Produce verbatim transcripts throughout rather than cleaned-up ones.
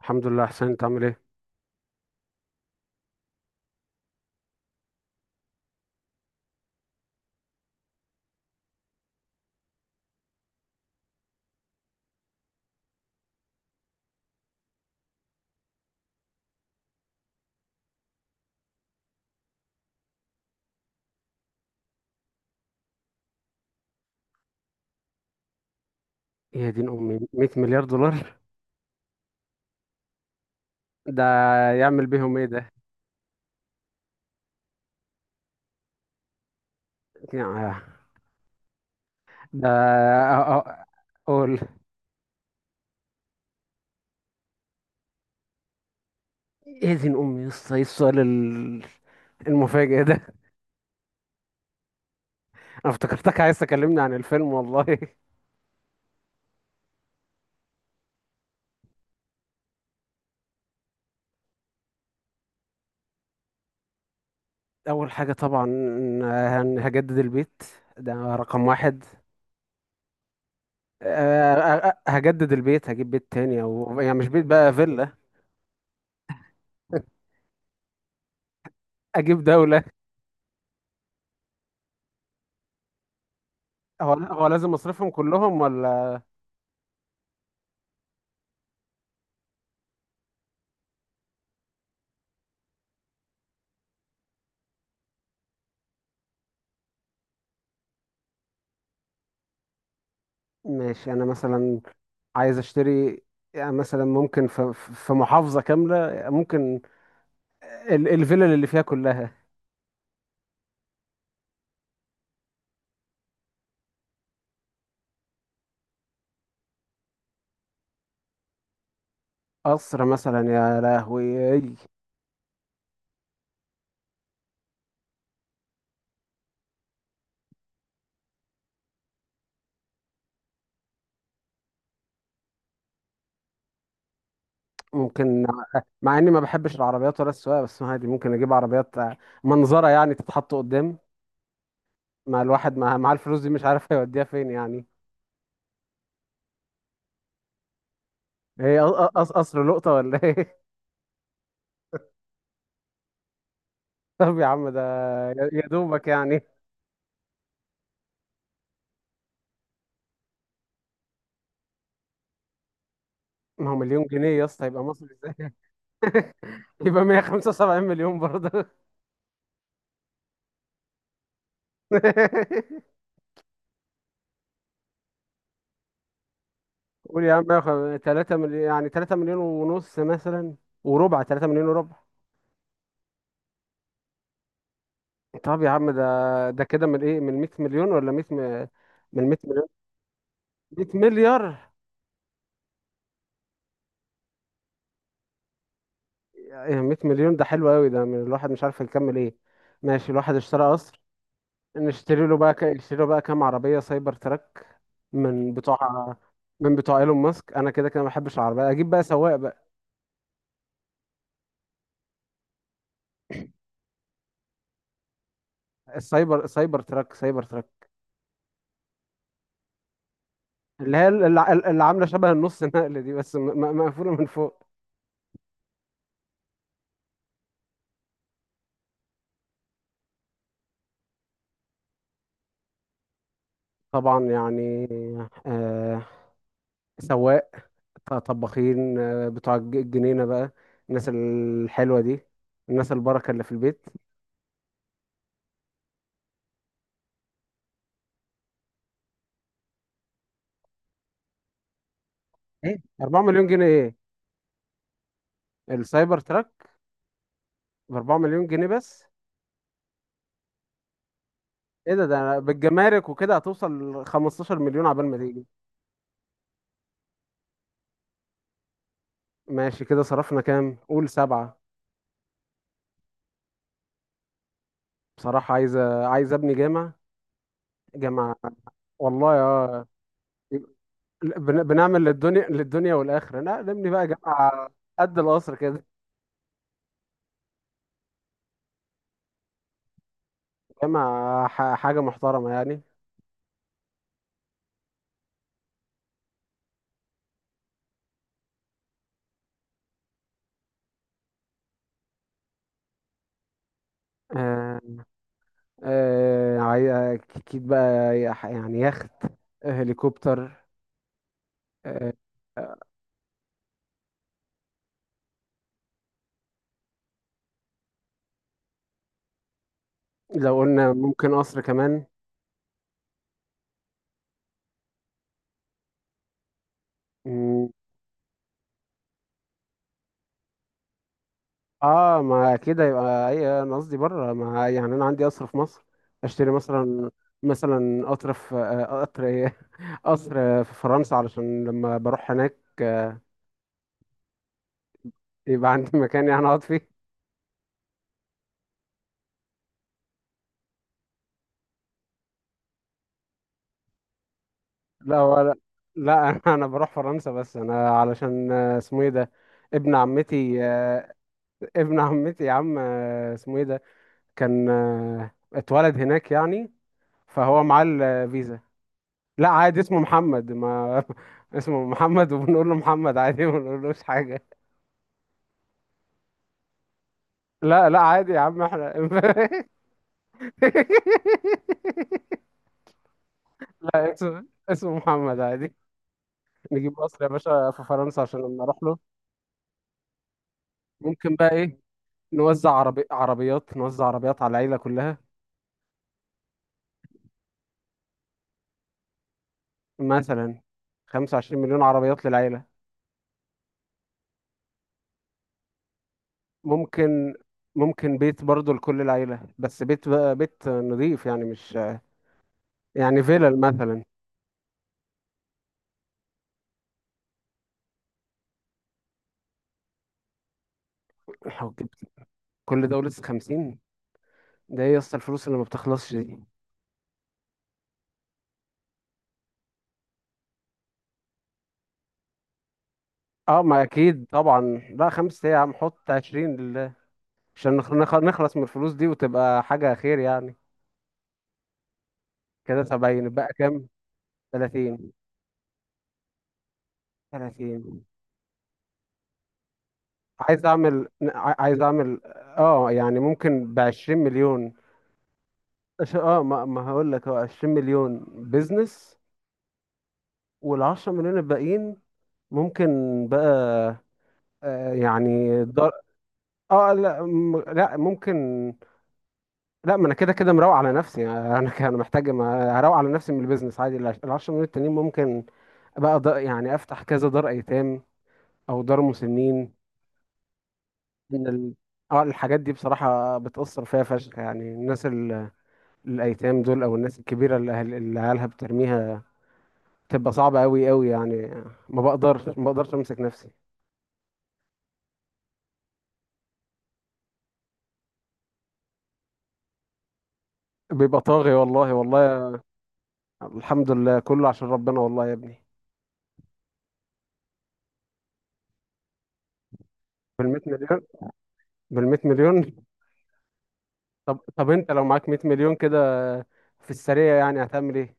الحمد لله حسين، انت عامل ايه؟ يا دين امي، مية مليار دولار. ده يعمل بيهم ايه ده؟ يا- ده اه- اه- قول. يا دين امي يا اسطى، ايه السؤال ال- المفاجئ ده؟ انا افتكرتك عايز تكلمني عن الفيلم والله. اول حاجه طبعا، هن- هجدد البيت. ده رقم واحد. اه، اه، اه، هجدد البيت، هجيب بيت تاني، او يعني مش بيت بقى، فيلا. اجيب دوله. هو هو لازم اصرفهم كلهم ولا؟ ماشي، انا مثلا عايز اشتري. يعني مثلا ممكن في في محافظة كاملة، ممكن ال- الفلل اللي فيها كلها. قصر مثلا، يا لهوي. ممكن. مع اني ما بحبش العربيات ولا السواقة، بس عادي ممكن اجيب عربيات منظرة يعني، تتحط قدام. مع الواحد، مع مع الفلوس دي مش عارف هيوديها فين يعني. هي ق- ق- قصر لقطة ولا ايه؟ طب يا عم، ده يا يا دوبك يعني. ما هو مليون جنيه يا اسطى، يبقى مصري ازاي؟ يبقى مية وخمسة وسبعين مليون برضه. قول يا عم، يا ثلاثة مليون يعني. ثلاثة مليون ونص مثلا، وربع. ثلاثة مليون وربع. طب يا عم، ده ده كده من ايه؟ من مية مليون ولا مية م... من مئة مليون؟ مية مليار. ايه مية مليون ده حلو قوي، ده من الواحد مش عارف يكمل ايه. ماشي، الواحد اشترى قصر. نشتري له بقى ك... نشتري له بقى كام عربية سايبر تراك؟ من بتوع من بتوع ايلون ماسك. انا كده كده ما بحبش العربية، اجيب بقى سواق بقى. السايبر سايبر تراك سايبر تراك، اللي هي اللي اللي عاملة شبه النص نقل دي، بس م... م- مقفولة من فوق. طبعا يعني. آه سواق، ط- طباخين، آه بتوع الج- الجنينة بقى، الناس الحلوة دي، الناس البركة اللي في البيت. ايه اربعة مليون جنيه؟ ايه السايبر تراك ب اربعة مليون جنيه بس؟ ايه ده؟ ده بالجمارك وكده هتوصل خمسة عشر مليون عبال ما تيجي. ماشي، كده صرفنا كام؟ قول سبعة. بصراحة، عايز عايز ابني جامع. جامع والله يا بن- بنعمل للدنيا، للدنيا والآخرة. لا، نبني بقى جامعة قد القصر كده. جامعة، ح- حاجة محترمة يعني. آه آه عاي- أكيد بقى، يح- يعني يخت، هليكوبتر. آه، لو قلنا ممكن قصر كمان. مم، اه، ما كده يبقى اي، انا قصدي بره. ما يعني انا عندي قصر في مصر، اشتري مثلا. مثلا قطر، في آه، قطر ايه، قصر في فرنسا، علشان لما بروح هناك يبقى عندي مكان يعني اقعد فيه. لا، ولا لا. انا بروح فرنسا بس، انا علشان آه، اسمه ايه ده، ابن عمتي. آه، ابن عمتي يا عم، آه، اسمه ايه ده؟ كان آه، اتولد هناك يعني، فهو معاه الفيزا. لا عادي، اسمه محمد ما. اسمه محمد، وبنقول له محمد عادي، ما بنقولوش حاجة. لا لا، عادي يا عم احنا. اسمه اسمه محمد عادي. نجيب مصر يا باشا في فرنسا عشان لما اروح له. ممكن بقى ايه؟ نوزع عربي... عربيات، نوزع عربيات على العيلة كلها. مثلا خمسة وعشرين مليون عربيات للعيلة. ممكن. ممكن بيت برضو لكل العيلة، بس بيت بقى، بيت نظيف يعني، مش يعني فيلل مثلا. لو جبت كل ده ولسه خمسين. ده ايه يا اسطى الفلوس اللي ما بتخلصش دي؟ اه، ما اكيد طبعا. لا، خمسة ايه يا عم، حط عشرين لله، عشان نخ- نخ- نخلص من الفلوس دي، وتبقى حاجة خير يعني. كده سبعين، بقى كام؟ ثلاثين. تلاتين. عايز اعمل ع- عايز اعمل، اه يعني ممكن ب عشرين مليون. أش- اه ما, ما هقول لك، اه عشرين مليون بيزنس. وال عشرة مليون الباقيين ممكن بقى، آه يعني دار. اه لا، م- لا، ممكن. لا، ما انا كده كده مروق على نفسي. يعني انا ك- انا محتاج، ما- هروق على نفسي من البيزنس عادي. ال عشرة مليون التانيين ممكن بقى دار يعني، افتح كذا دار ايتام او دار مسنين. ان ال... اه، الحاجات دي بصراحة بتأثر فيها فشخ يعني الناس. الايتام دول، او الناس الكبيره اللي أهل- اللي عيالها بترميها، تبقى صعبه قوي قوي يعني. ما بقدرش ما بقدرش امسك نفسي. بيبقى طاغي، والله والله. الحمد لله كله عشان ربنا، والله يا ابني. بال مية مليون، بال مية مليون. طب طب انت لو معاك مئة مليون كده في السريع، يعني هتعمل ايه؟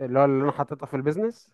اللي هو اللي انا حاططها في البيزنس.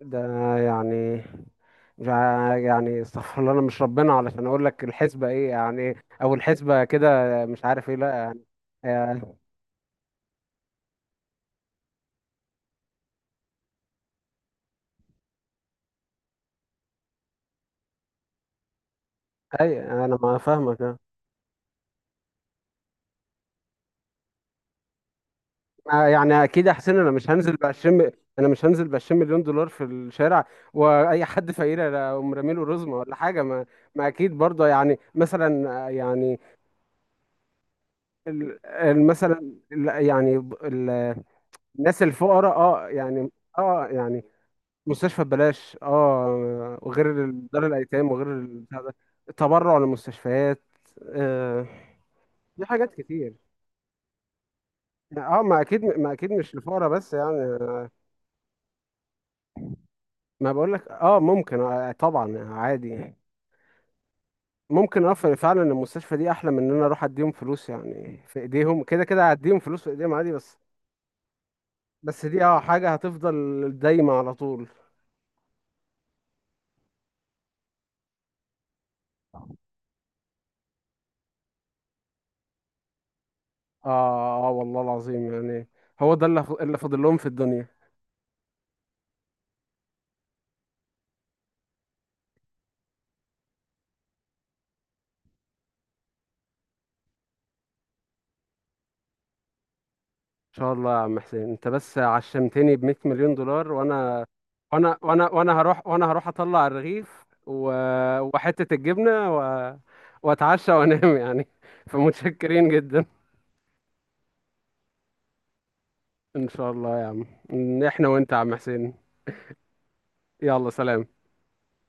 ده أنا يعني مش ع- يعني استغفر الله، انا مش ربنا علشان اقول لك الحسبه ايه يعني، او الحسبه كده. مش عارف ايه، لا يعني. آه، اي، انا ما فاهمك. ما يعني اكيد يا حسين، انا مش هنزل ب عشرين، انا مش هنزل ب عشرون مليون دولار في الشارع واي حد فقير انا اقوم رامي له رزمه ولا حاجه، ما. ما اكيد برضه يعني مثلا، آه، يعني ال- ال- مثلا ال- يعني ب- ال- الناس الفقراء، اه يعني. اه يعني مستشفى ببلاش، اه، وغير ال- دار الايتام، وغير البتاع ده. تبرع للمستشفيات. آه. دي حاجات كتير. اه، ما اكيد ما اكيد مش للفقراء بس يعني. ما بقول لك اه ممكن، آه طبعا عادي يعني. ممكن، اه فعلا المستشفى دي احلى من ان انا اروح اديهم فلوس يعني، في ايديهم كده كده هديهم فلوس في ايديهم عادي. بس، بس دي اه حاجة هتفضل دايمة على طول. اه اه، والله العظيم يعني. هو ده اللي اللي فاضل لهم في الدنيا. ان شاء الله يا عم حسين، انت بس عشمتني ب مية مليون دولار. وانا وانا وانا وانا هروح، وانا هروح اطلع الرغيف، و، وحتة الجبنة، و، واتعشى وانام يعني. فمتشكرين جدا. ان شاء الله يا عم. إن احنا وانت يا عم حسين. يلا، سلام.